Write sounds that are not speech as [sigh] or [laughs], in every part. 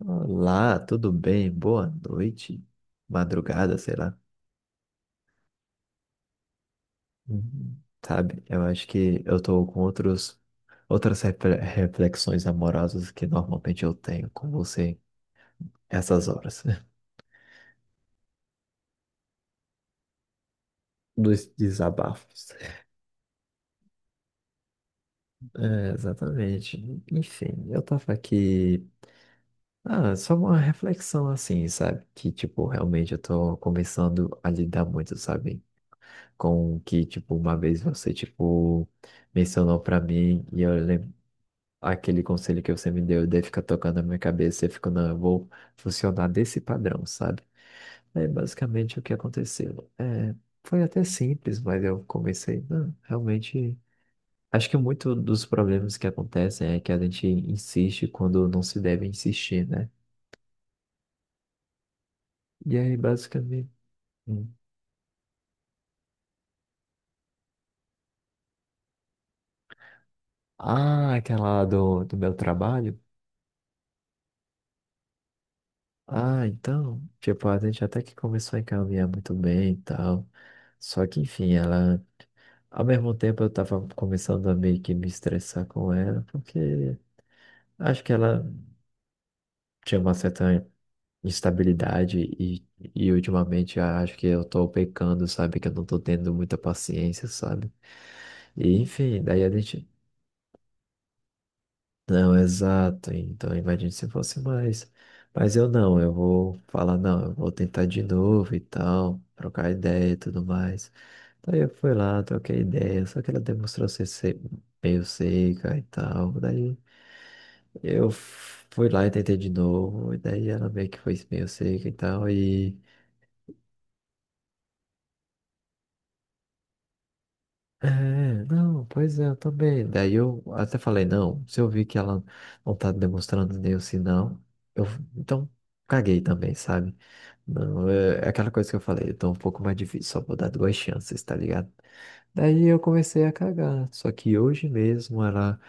Olá, tudo bem? Boa noite, madrugada, sei lá. Uhum. Sabe, eu acho que eu tô com outras reflexões amorosas que normalmente eu tenho com você essas horas, [laughs] dos desabafos. É, exatamente. Enfim, eu tava aqui. Ah, só uma reflexão assim, sabe? Que, tipo, realmente eu tô começando a lidar muito, sabe? Com o que, tipo, uma vez você, tipo, mencionou pra mim e eu lembro. Aquele conselho que você me deu de fica tocando na minha cabeça, eu fico, não, eu vou funcionar desse padrão, sabe? É basicamente o que aconteceu. É, foi até simples, mas eu comecei, não, realmente. Acho que muito dos problemas que acontecem é que a gente insiste quando não se deve insistir, né? E aí, basicamente. Hum. Ah, aquela lá do meu trabalho. Ah, então, tipo, a gente até que começou a encaminhar muito bem e tal. Só que, enfim, ela. Ao mesmo tempo, eu tava começando a meio que me estressar com ela, porque acho que ela tinha uma certa instabilidade e ultimamente acho que eu tô pecando, sabe? Que eu não tô tendo muita paciência, sabe? E, enfim, daí a gente. Não, exato. Então, imagine se fosse mais. Mas eu não, eu vou falar, não, eu vou tentar de novo e tal, trocar ideia e tudo mais. Daí eu fui lá, troquei ideia, só que ela demonstrou ser meio seca e tal. Daí eu fui lá e tentei de novo, e daí ela meio que foi meio seca e tal, e. É, não, pois é, eu também. Daí eu até falei, não, se eu vi que ela não tá demonstrando nenhum sinal, eu então caguei também, sabe? Não, é aquela coisa que eu falei, então um pouco mais difícil, só vou dar duas chances, tá ligado? Daí eu comecei a cagar, só que hoje mesmo ela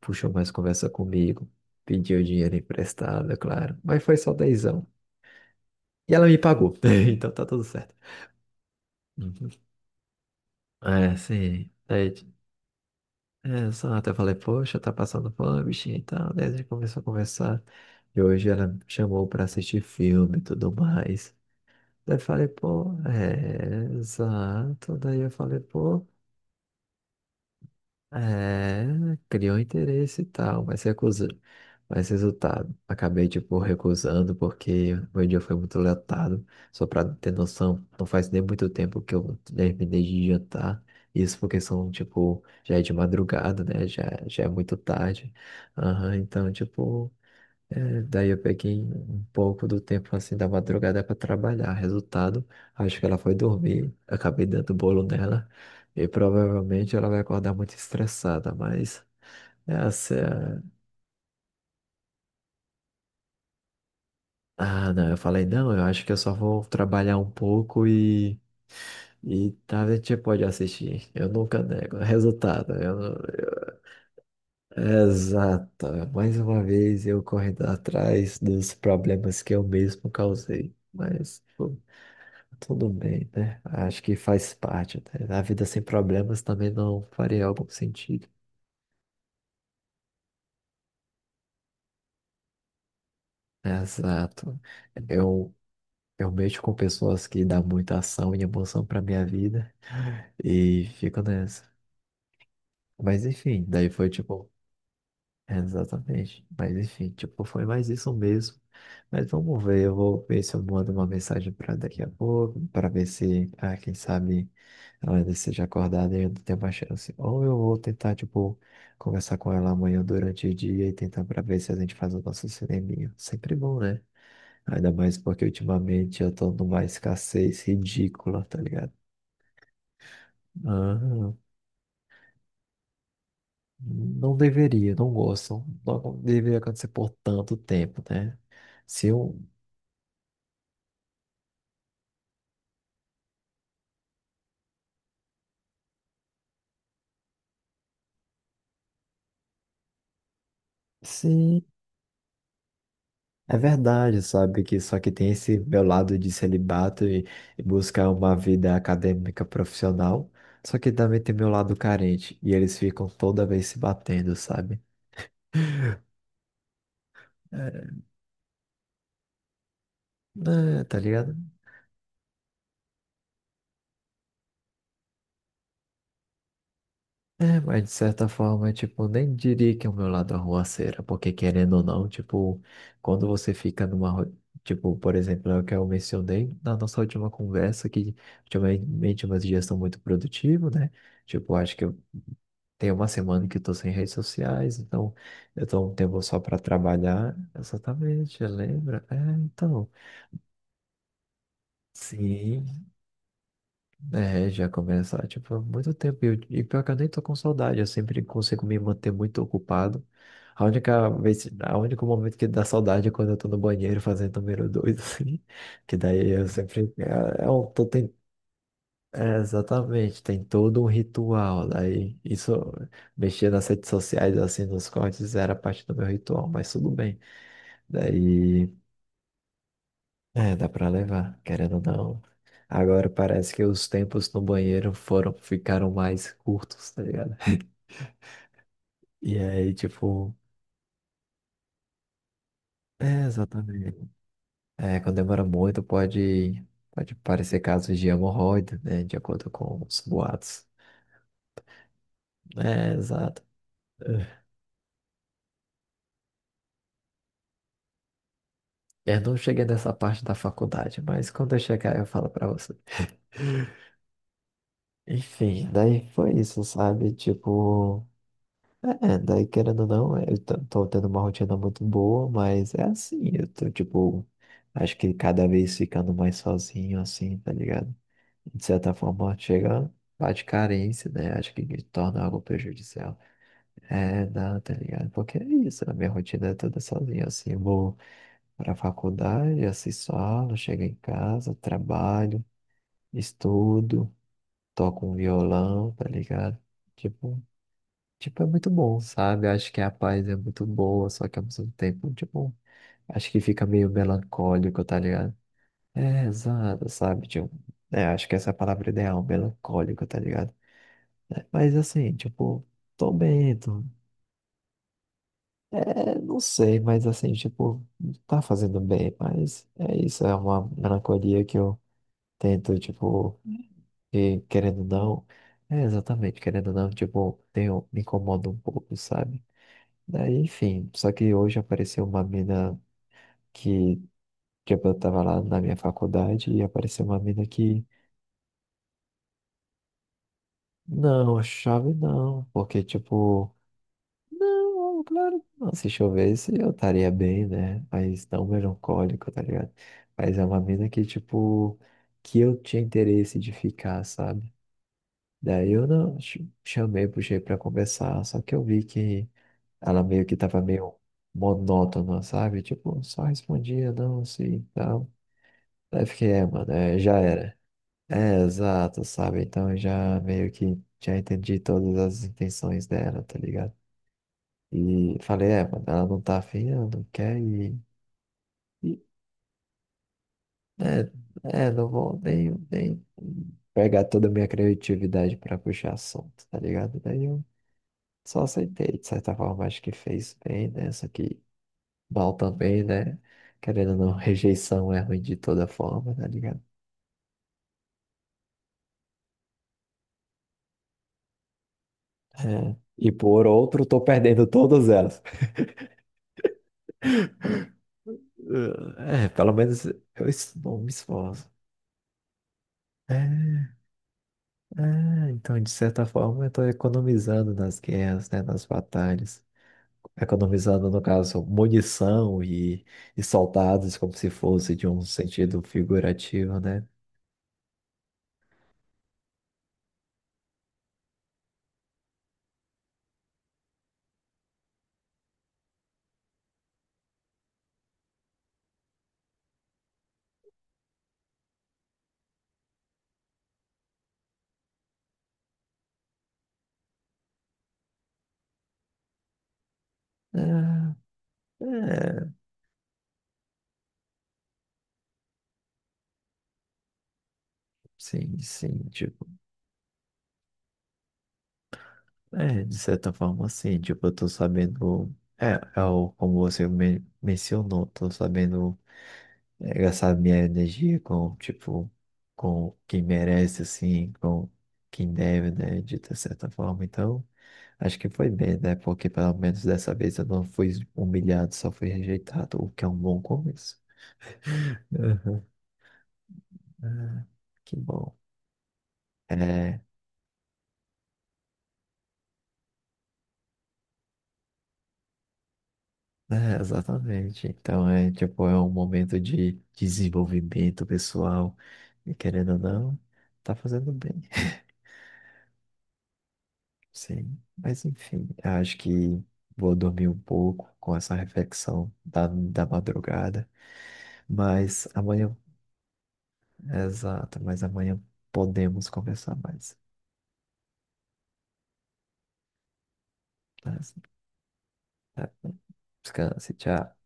puxou mais conversa comigo, pediu dinheiro emprestado, é claro, mas foi só dezão. E ela me pagou, [laughs] então tá tudo certo. Uhum. É, sim. É. É, exato. Eu falei, poxa, tá passando fome, bichinha e tal. Daí a gente começou a conversar. E hoje ela me chamou pra assistir filme e tudo mais. Daí eu falei, pô, é, exato. Daí eu falei, pô. É, criou um interesse e tal, mas recusa. Mas resultado, acabei, tipo, recusando porque meu dia foi muito lotado. Só pra ter noção, não faz nem muito tempo que eu terminei de jantar. Isso porque são, tipo, já é de madrugada, né? Já é muito tarde. Aham, então, tipo. É, daí eu peguei um pouco do tempo assim da madrugada para trabalhar. Resultado, acho que ela foi dormir, acabei dando bolo nela e provavelmente ela vai acordar muito estressada, mas essa é a- Ah, não, eu falei, não, eu acho que eu só vou trabalhar um pouco e tá, a gente pode assistir. Eu nunca nego. [laughs] Resultado, eu não-. Exato. Mais uma vez eu correndo atrás dos problemas que eu mesmo causei, mas. Tudo bem, né? Acho que faz parte, né? A vida sem problemas também não faria algum sentido. Né? Exato. Eu, eu mexo com pessoas que dão muita ação e emoção pra minha vida e fico nessa. Mas enfim, daí foi tipo. Exatamente. Mas enfim, tipo, foi mais isso mesmo. Mas vamos ver, eu vou ver se eu mando uma mensagem para daqui a pouco, para ver se, ah, quem sabe ela ainda esteja acordada e ainda tem uma chance. Ou eu vou tentar, tipo, conversar com ela amanhã durante o dia e tentar para ver se a gente faz o nosso cineminha. Sempre bom, né? Ainda mais porque ultimamente eu tô numa escassez ridícula, tá ligado? Ah, não deveria, não gosto. Não deveria acontecer por tanto tempo, né? Se um. Sim, é verdade, sabe? Que só que tem esse meu lado de celibato e buscar uma vida acadêmica profissional, só que também tem meu lado carente e eles ficam toda vez se batendo, sabe? É, né, tá ligado? É, mas de certa forma, tipo, nem diria que é o meu lado arruaceira, porque querendo ou não, tipo, quando você fica numa. Tipo, por exemplo, é o que eu mencionei na nossa última conversa, que ultimamente meus dias estão muito produtivos, né? Tipo, acho que. Tem uma semana que eu tô sem redes sociais, então eu tô um tempo só para trabalhar. Exatamente, lembra? É, então. Sim, é, já começa, tipo, há muito tempo. E, e pior que eu nem tô com saudade, eu sempre consigo me manter muito ocupado. A único momento que dá saudade é quando eu tô no banheiro fazendo número dois, [laughs] assim. Que daí eu sempre. É, tô. É, exatamente, tem todo um ritual. Daí, isso, mexer nas redes sociais, assim, nos cortes, era parte do meu ritual, mas tudo bem. Daí, é, dá pra levar, querendo ou não. Agora parece que os tempos no banheiro ficaram mais curtos, tá ligado? [laughs] E aí, tipo, é, exatamente. É, quando demora muito, pode parecer casos de hemorroida, né? De acordo com os boatos. É, exato. Eu não cheguei nessa parte da faculdade, mas quando eu chegar eu falo pra você. Enfim, daí foi isso, sabe? Tipo, é, daí querendo ou não, eu tô tendo uma rotina muito boa, mas é assim, eu tô, tipo, acho que cada vez ficando mais sozinho, assim, tá ligado? De certa forma, chega, bate carência, né? Acho que me torna algo prejudicial. É, não, tá ligado? Porque é isso, a minha rotina é toda sozinha, assim, eu vou pra faculdade, assisto aula, chego em casa, trabalho. Estudo, toco um violão, tá ligado? Tipo, tipo, é muito bom, sabe? Acho que a paz é muito boa, só que ao mesmo tempo, tipo, acho que fica meio melancólico, tá ligado? É, exato, sabe? Tipo, é, acho que essa é a palavra ideal, melancólico, tá ligado? É, mas assim, tipo, tô bem, tô. É, não sei, mas assim, tipo, tá fazendo bem, mas é isso, é uma melancolia que eu tento, tipo. E querendo ou não, é exatamente, querendo ou não, tipo, tenho, me incomoda um pouco, sabe? Daí, enfim, só que hoje apareceu uma mina que, tipo, eu tava lá na minha faculdade e apareceu uma mina que. Não, chave não, porque, tipo, não, claro, que não, se chovesse eu estaria bem, né? Mas não melancólico, tá ligado? Mas é uma mina que, tipo, que eu tinha interesse de ficar, sabe? Daí eu não chamei, puxei pra conversar, só que eu vi que. Ela meio que tava meio monótona, sabe? Tipo, só respondia não, sim, e tal. Aí eu fiquei, é, mano, é, já era. É, exato, sabe? Então eu já meio que já entendi todas as intenções dela, tá ligado? E falei, é, mano, ela não tá afim, ela não quer e é, não vou nem pegar toda a minha criatividade pra puxar assunto, tá ligado? Daí eu só aceitei, de certa forma, acho que fez bem, né? Só que mal também, né? Querendo ou não, rejeição é ruim de toda forma, tá ligado? É. E por outro, tô perdendo todas elas. É, pelo menos eu não me esforço. É, é, então, de certa forma, eu tô economizando nas guerras, né, nas batalhas. Economizando, no caso, munição e soldados, como se fosse de um sentido figurativo, né? É, é, sim, sim, tipo. É, de certa forma, sim. Tipo, eu tô sabendo. É, é o, como você mencionou, tô sabendo é, gastar minha energia com, tipo, com quem merece, assim, com quem deve, né, de ter certa forma. Então, acho que foi bem, né? Porque pelo menos dessa vez eu não fui humilhado, só fui rejeitado, o que é um bom começo. É. Que bom. É. É, exatamente. Então é tipo, é um momento de desenvolvimento pessoal. E querendo ou não, tá fazendo bem. [laughs] Sim. Mas enfim, eu acho que vou dormir um pouco com essa reflexão da madrugada. Mas amanhã, exato, mas amanhã podemos conversar mais. Tá? Tá. Descanse, tchau.